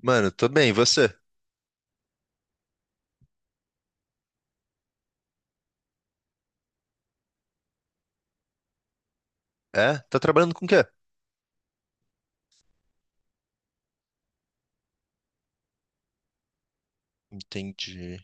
Mano, tô bem, e você? É? Tá trabalhando com o quê? Entendi.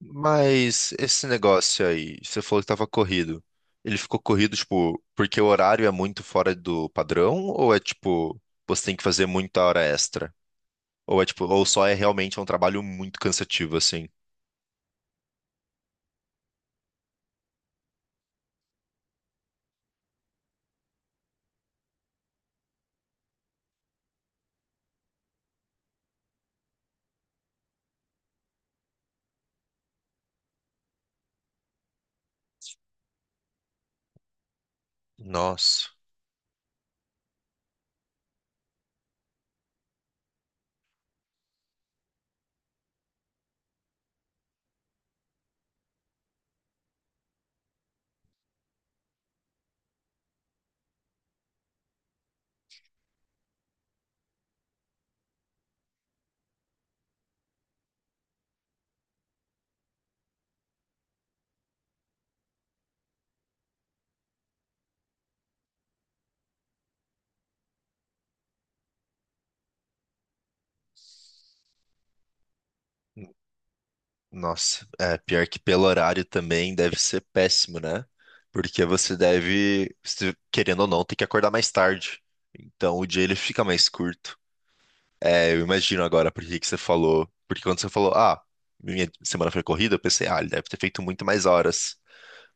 Mas esse negócio aí, você falou que tava corrido. Ele ficou corrido, tipo, porque o horário é muito fora do padrão? Ou é tipo, você tem que fazer muita hora extra? Ou é tipo, ou só é realmente um trabalho muito cansativo, assim? Nossa, n- nossa. É, pior que pelo horário também deve ser péssimo, né? Porque você deve, querendo ou não, ter que acordar mais tarde. Então o dia ele fica mais curto. É, eu imagino agora por que que você falou. Porque quando você falou, ah, minha semana foi corrida, eu pensei, ah, ele deve ter feito muito mais horas.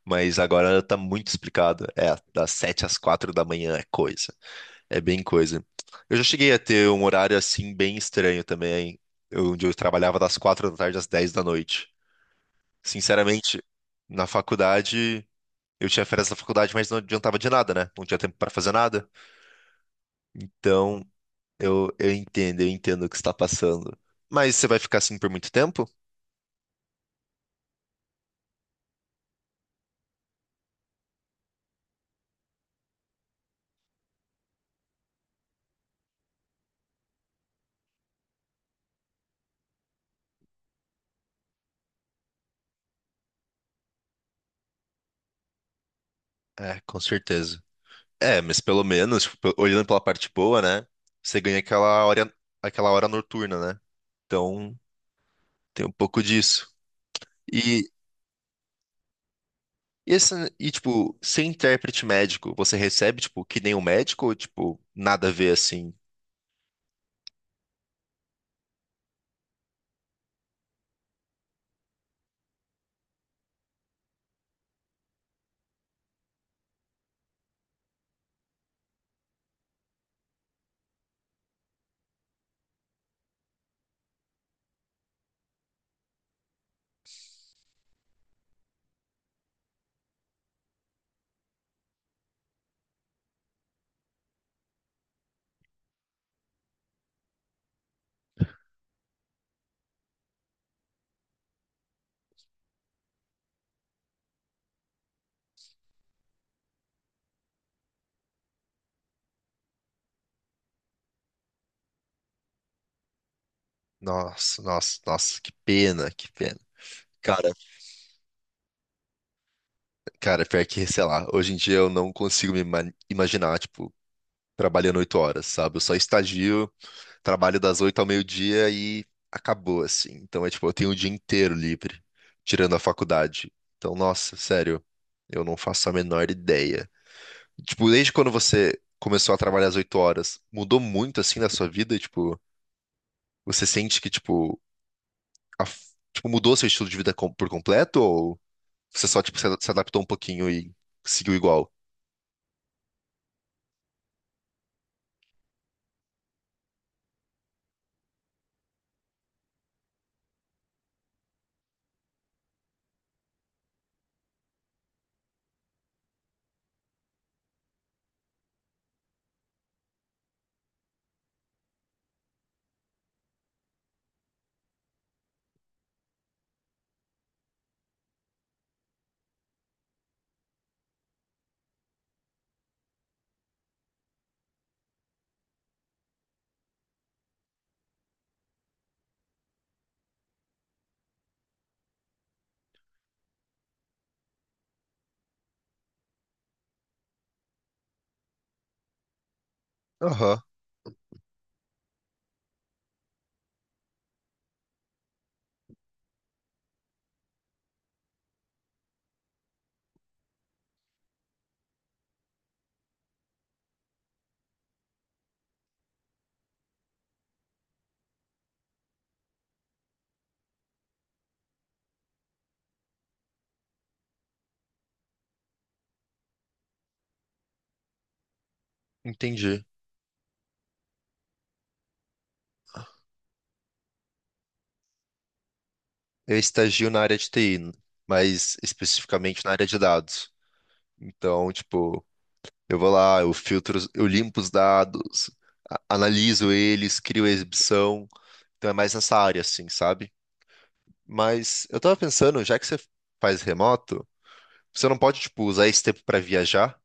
Mas agora tá muito explicado. É, das 7 às 4 da manhã é coisa. É bem coisa. Eu já cheguei a ter um horário assim bem estranho também, onde eu trabalhava das 4 da tarde às 10 da noite. Sinceramente, na faculdade, eu tinha férias da faculdade, mas não adiantava de nada, né? Não tinha tempo pra fazer nada. Então, eu entendo, eu entendo o que está passando. Mas você vai ficar assim por muito tempo? É, com certeza. É, mas pelo menos, tipo, olhando pela parte boa, né? Você ganha aquela hora noturna, né? Então, tem um pouco disso. E, e, esse, tipo, ser intérprete médico, você recebe, tipo, que nem um médico ou, tipo, nada a ver assim? Nossa, nossa, nossa, que pena, que pena. Cara, cara, pior que, sei lá, hoje em dia eu não consigo imaginar, tipo, trabalhando oito horas, sabe? Eu só estagio. Trabalho das oito ao meio-dia e acabou, assim. Então é tipo, eu tenho o dia inteiro livre, tirando a faculdade. Então, nossa, sério, eu não faço a menor ideia. Tipo, desde quando você começou a trabalhar às oito horas, mudou muito assim na sua vida? Tipo, você sente que, tipo, tipo, mudou seu estilo de vida por completo? Ou você só, tipo, se adaptou um pouquinho e seguiu igual? Aham, entendi. Eu estagio na área de TI, mas especificamente na área de dados. Então, tipo. Eu vou lá, eu filtro, eu limpo os dados, analiso eles, crio a exibição. Então é mais nessa área, assim, sabe? Mas eu tava pensando, já que você faz remoto, você não pode, tipo, usar esse tempo pra viajar?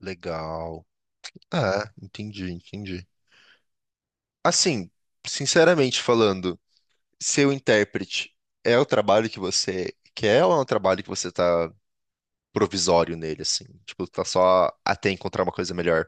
Legal. Ah, entendi, entendi. Assim, sinceramente falando, seu intérprete é o trabalho que você quer ou é um trabalho que você tá provisório nele, assim? Tipo, tá só até encontrar uma coisa melhor?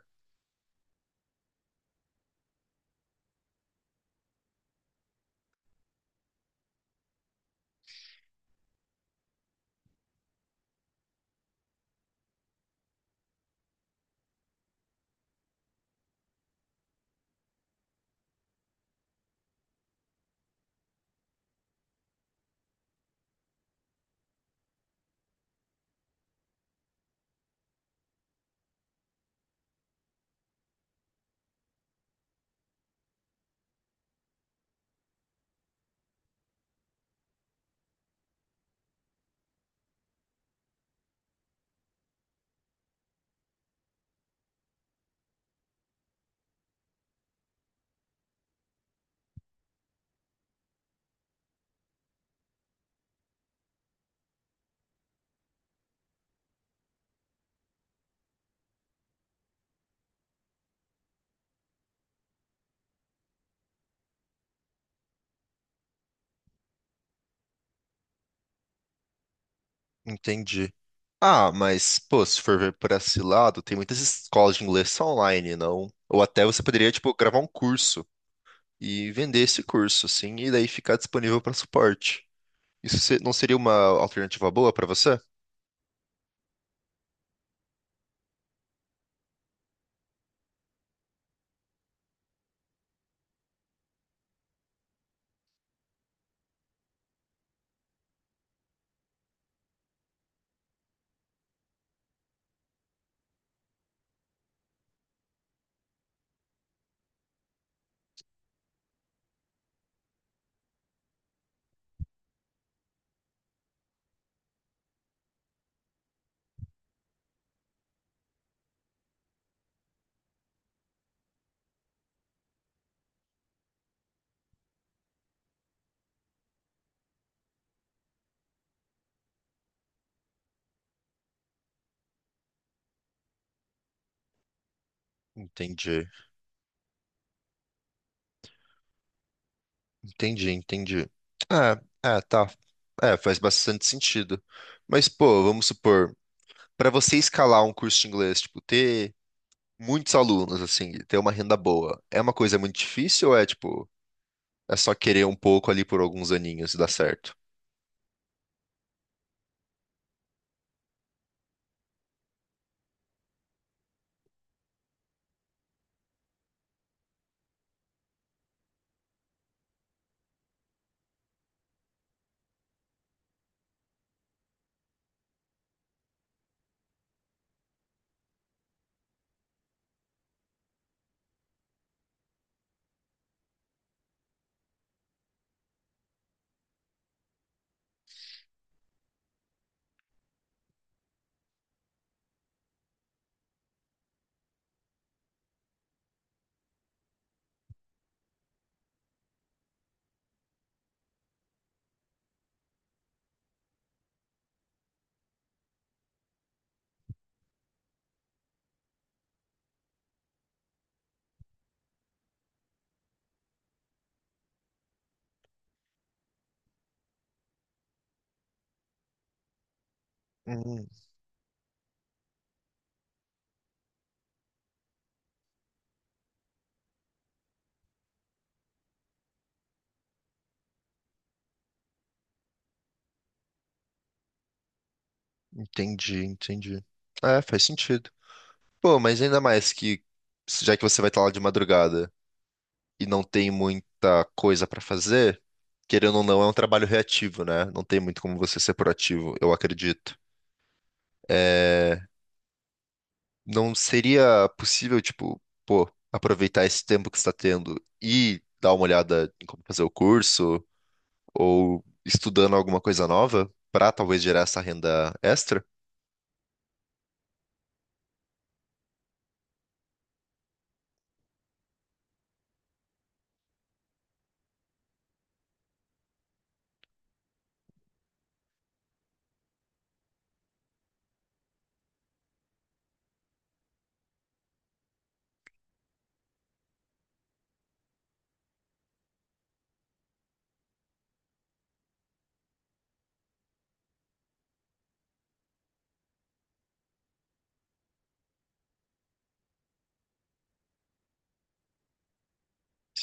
Entendi. Ah, mas, pô, se for ver por esse lado, tem muitas escolas de inglês só online, não? Ou até você poderia, tipo, gravar um curso e vender esse curso, assim, e daí ficar disponível para suporte. Não seria uma alternativa boa para você? Entendi. Entendi, entendi. Ah, é, tá. É, faz bastante sentido. Mas, pô, vamos supor, para você escalar um curso de inglês, tipo, ter muitos alunos, assim, e ter uma renda boa, é uma coisa muito difícil ou é, tipo. É só querer um pouco ali por alguns aninhos e dá certo. Hum, entendi, entendi. É, faz sentido. Pô, mas ainda mais que, já que você vai estar lá de madrugada e não tem muita coisa pra fazer, querendo ou não, é um trabalho reativo, né? Não tem muito como você ser proativo, eu acredito. É, não seria possível, tipo, pô, aproveitar esse tempo que você está tendo e dar uma olhada em como fazer o curso ou estudando alguma coisa nova para talvez gerar essa renda extra?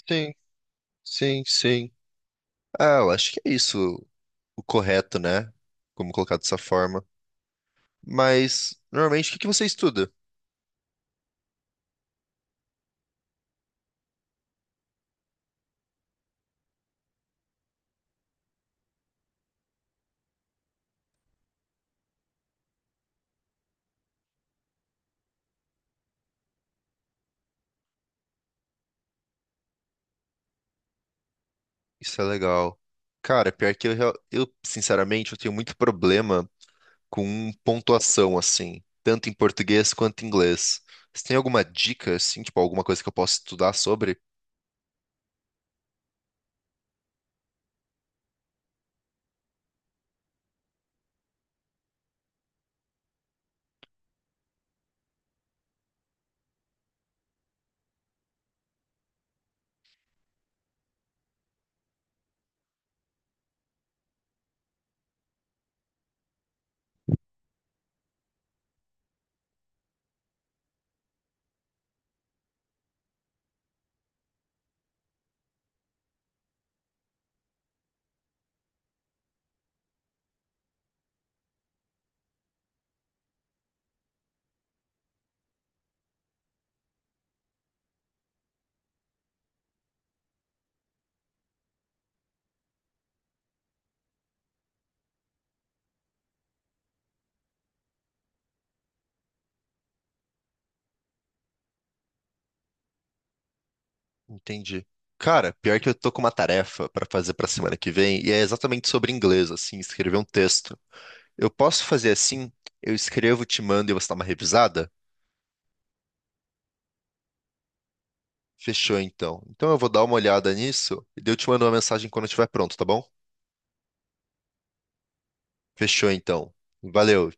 Sim, sim, sim. Ah, eu acho que é isso o correto, né? Como colocar dessa forma. Mas, normalmente, o que que você estuda? Isso é legal. Cara, pior que eu, eu sinceramente, eu tenho muito problema com pontuação, assim, tanto em português quanto em inglês. Você tem alguma dica, assim, tipo, alguma coisa que eu possa estudar sobre? Entendi. Cara, pior que eu tô com uma tarefa pra fazer pra semana que vem, e é exatamente sobre inglês, assim, escrever um texto. Eu posso fazer assim? Eu escrevo, te mando e você dá uma revisada? Fechou, então. Então eu vou dar uma olhada nisso e daí eu te mando uma mensagem quando eu estiver pronto, tá bom? Fechou, então. Valeu.